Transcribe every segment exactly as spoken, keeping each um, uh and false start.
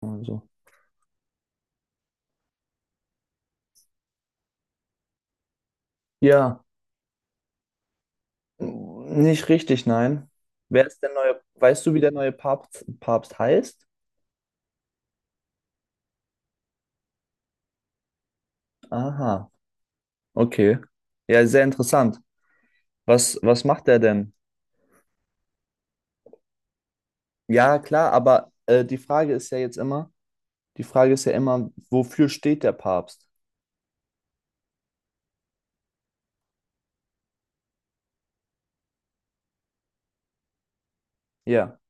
Also. Ja, n- nicht richtig, nein. Wer ist der neue, weißt du, wie der neue Papst, Papst heißt? Aha, okay. Ja, sehr interessant. Was, was macht er denn? Ja, klar, aber äh, die Frage ist ja jetzt immer, die Frage ist ja immer, wofür steht der Papst? Ja,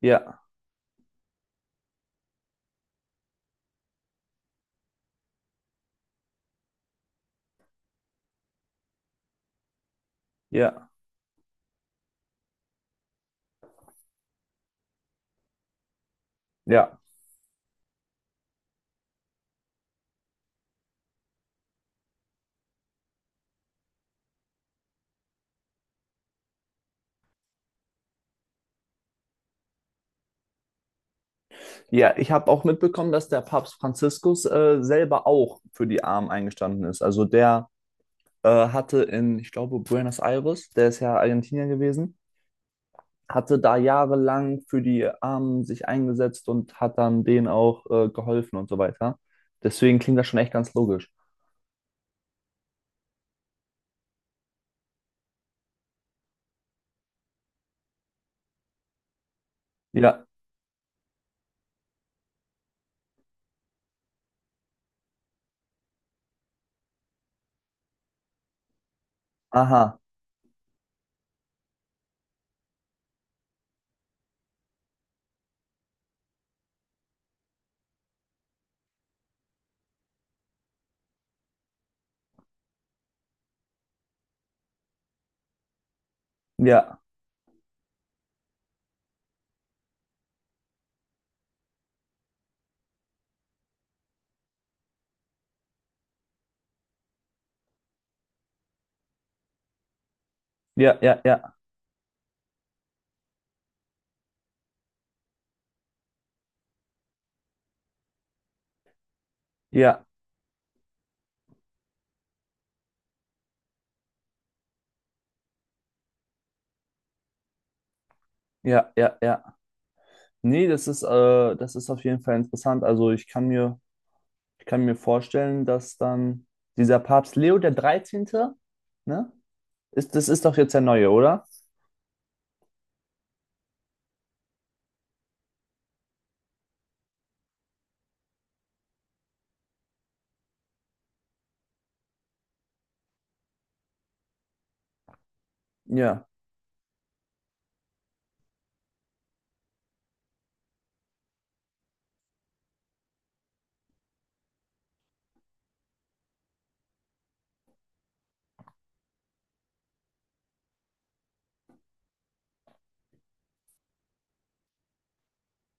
ja, ja, ja. Ja, ich habe auch mitbekommen, dass der Papst Franziskus äh, selber auch für die Armen eingestanden ist. Also der äh, hatte in, ich glaube, Buenos Aires, der ist ja Argentinier gewesen, hatte da jahrelang für die Armen sich eingesetzt und hat dann denen auch äh, geholfen und so weiter. Deswegen klingt das schon echt ganz logisch. Ja, aha, ja, ja, ja, ja, ja, ja, ja, ja. Nee, das ist, äh, das ist auf jeden Fall interessant. Also ich kann mir, ich kann mir vorstellen, dass dann dieser Papst Leo der Dreizehnte, ne? Ist, das ist doch jetzt der neue, oder? Ja.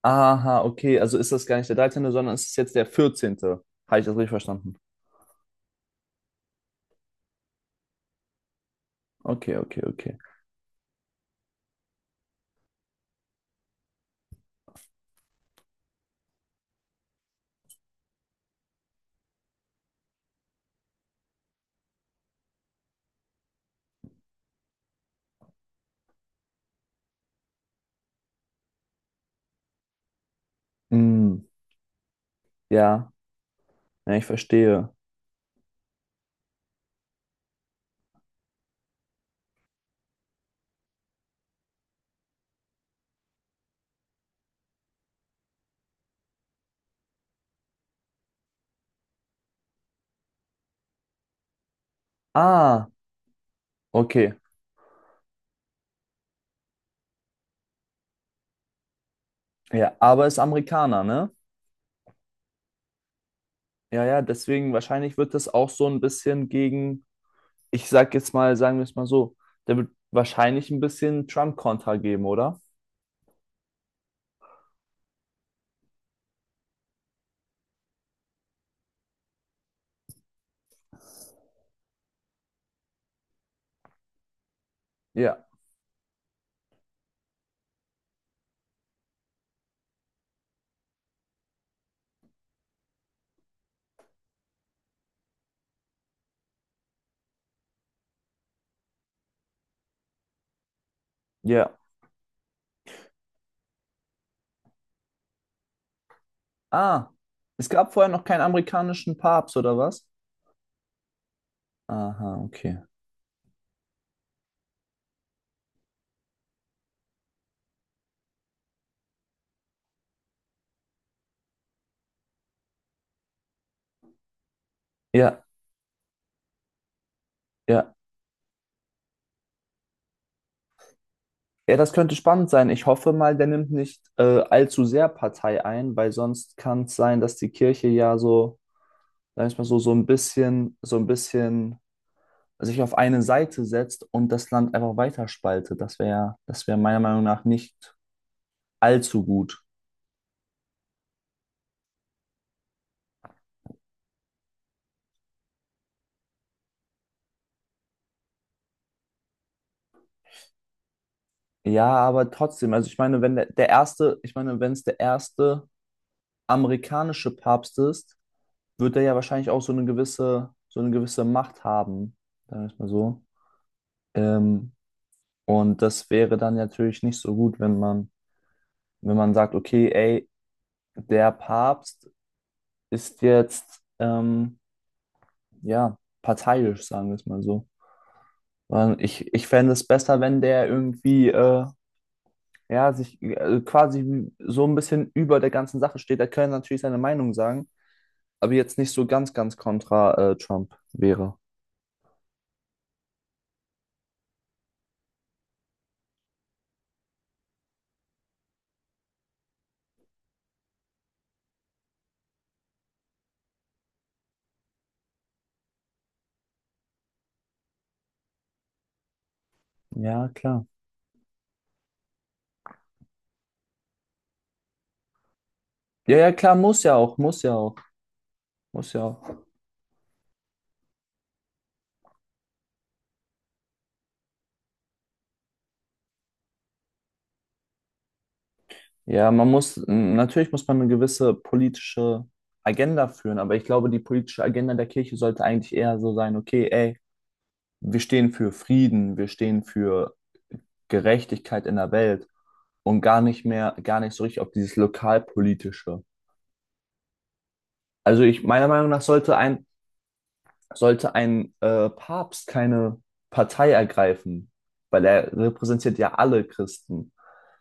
Aha, okay. Also ist das gar nicht der Dreizehnte, sondern es ist jetzt der Vierzehnte? Habe ich das richtig verstanden? Okay, okay, okay. Mm, ja, ja, ich verstehe. Ah, okay. Ja, aber ist Amerikaner, ne? Ja, ja, deswegen wahrscheinlich wird das auch so ein bisschen gegen, ich sag jetzt mal, sagen wir es mal so, der wird wahrscheinlich ein bisschen Trump-Kontra geben, oder? Ja, ja. Ah, es gab vorher noch keinen amerikanischen Papst, oder was? Aha, okay. Ja, ja. Ja, das könnte spannend sein. Ich hoffe mal, der nimmt nicht äh, allzu sehr Partei ein, weil sonst kann es sein, dass die Kirche ja so, sag ich mal so, so ein bisschen, so ein bisschen sich auf eine Seite setzt und das Land einfach weiterspaltet. Das wäre, das wäre meiner Meinung nach nicht allzu gut. Ja, aber trotzdem, also ich meine, wenn der, der erste, ich meine, wenn es der erste amerikanische Papst ist, wird er ja wahrscheinlich auch so eine gewisse, so eine gewisse Macht haben, sagen wir es mal so. Ähm, und das wäre dann natürlich nicht so gut, wenn man, wenn man sagt, okay, ey, der Papst ist jetzt, ähm, ja, parteiisch, sagen wir es mal so. Sondern ich, ich fände es besser, wenn der irgendwie, äh, ja, sich äh, quasi so ein bisschen über der ganzen Sache steht. Er könnte natürlich seine Meinung sagen, aber jetzt nicht so ganz, ganz kontra, äh, Trump wäre. Ja, klar. Ja, ja, klar, muss ja auch, muss ja auch, muss ja auch. Ja, man muss, m, natürlich muss man eine gewisse politische Agenda führen, aber ich glaube, die politische Agenda der Kirche sollte eigentlich eher so sein, okay, ey, wir stehen für Frieden, wir stehen für Gerechtigkeit in der Welt und gar nicht mehr, gar nicht so richtig auf dieses Lokalpolitische. Also ich, meiner Meinung nach sollte ein, sollte ein äh, Papst keine Partei ergreifen, weil er repräsentiert ja alle Christen,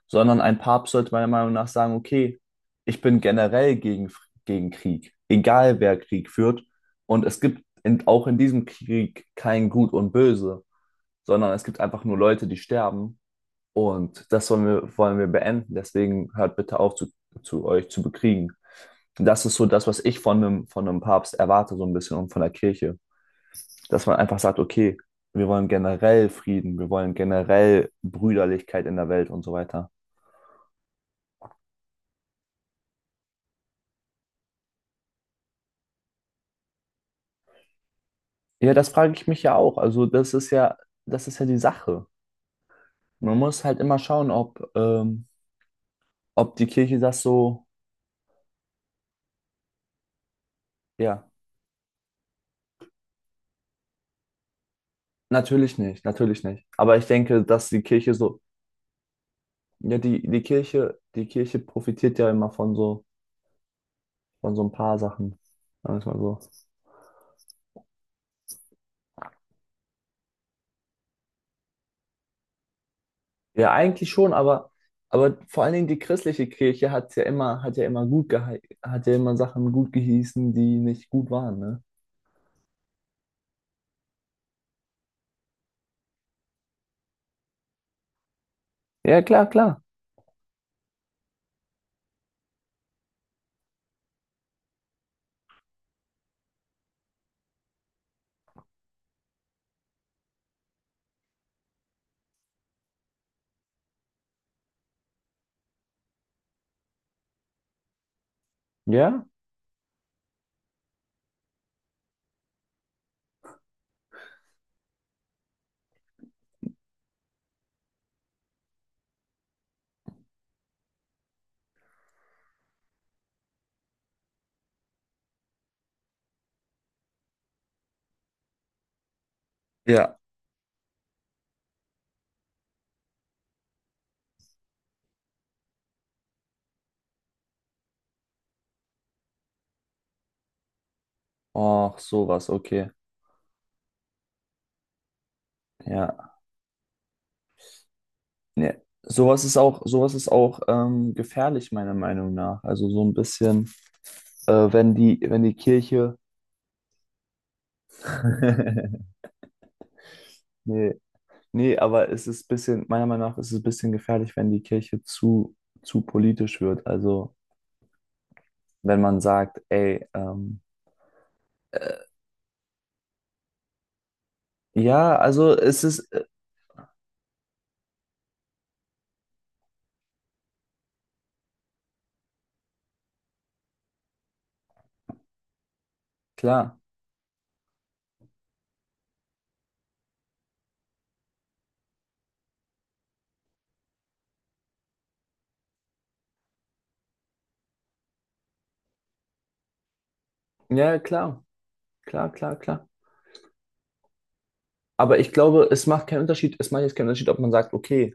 sondern ein Papst sollte meiner Meinung nach sagen, okay, ich bin generell gegen, gegen Krieg, egal wer Krieg führt. Und es gibt in, auch in diesem Krieg kein Gut und Böse, sondern es gibt einfach nur Leute, die sterben. Und das wollen wir, wollen wir beenden. Deswegen hört bitte auf, zu, zu euch zu bekriegen. Und das ist so das, was ich von einem, von einem Papst erwarte, so ein bisschen und von der Kirche. Dass man einfach sagt, okay, wir wollen generell Frieden, wir wollen generell Brüderlichkeit in der Welt und so weiter. Ja, das frage ich mich ja auch. Also das ist ja, das ist ja die Sache. Man muss halt immer schauen, ob, ähm, ob die Kirche das so. Ja, natürlich nicht, natürlich nicht. Aber ich denke, dass die Kirche so, ja, die, die Kirche, die Kirche profitiert ja immer von so, von so ein paar Sachen. Sagen wir es mal so. Ja, eigentlich schon, aber, aber vor allen Dingen die christliche Kirche hat ja immer, hat ja immer gut gehe, hat ja immer Sachen gut geheißen, die nicht gut waren, ne? Ja, klar, klar. Ja? Ja. Ach, sowas, okay. Ja. Ja. Sowas ist auch, sowas ist auch ähm, gefährlich, meiner Meinung nach. Also so ein bisschen, äh, wenn die, wenn die Kirche. Nee, nee, aber es ist ein bisschen, meiner Meinung nach ist es ein bisschen gefährlich, wenn die Kirche zu, zu politisch wird. Also wenn man sagt, ey, ähm, äh, ja, also es ist äh, klar. Ja, klar, klar, klar, klar. Aber ich glaube, es macht keinen Unterschied. Es macht jetzt keinen Unterschied, ob man sagt, okay,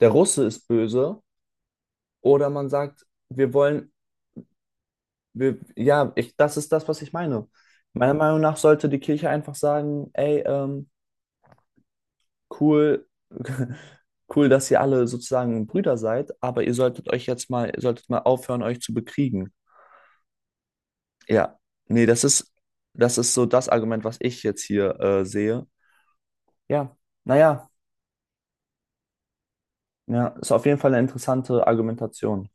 der Russe ist böse oder man sagt, wir wollen. Wir, ja, ich, das ist das, was ich meine. Meiner Meinung nach sollte die Kirche einfach sagen, ey, ähm, cool, cool, dass ihr alle sozusagen Brüder seid, aber ihr solltet euch jetzt mal, ihr solltet mal aufhören, euch zu bekriegen. Ja, nee, das ist, das ist so das Argument, was ich jetzt hier äh, sehe. Ja, naja, ja, ist auf jeden Fall eine interessante Argumentation.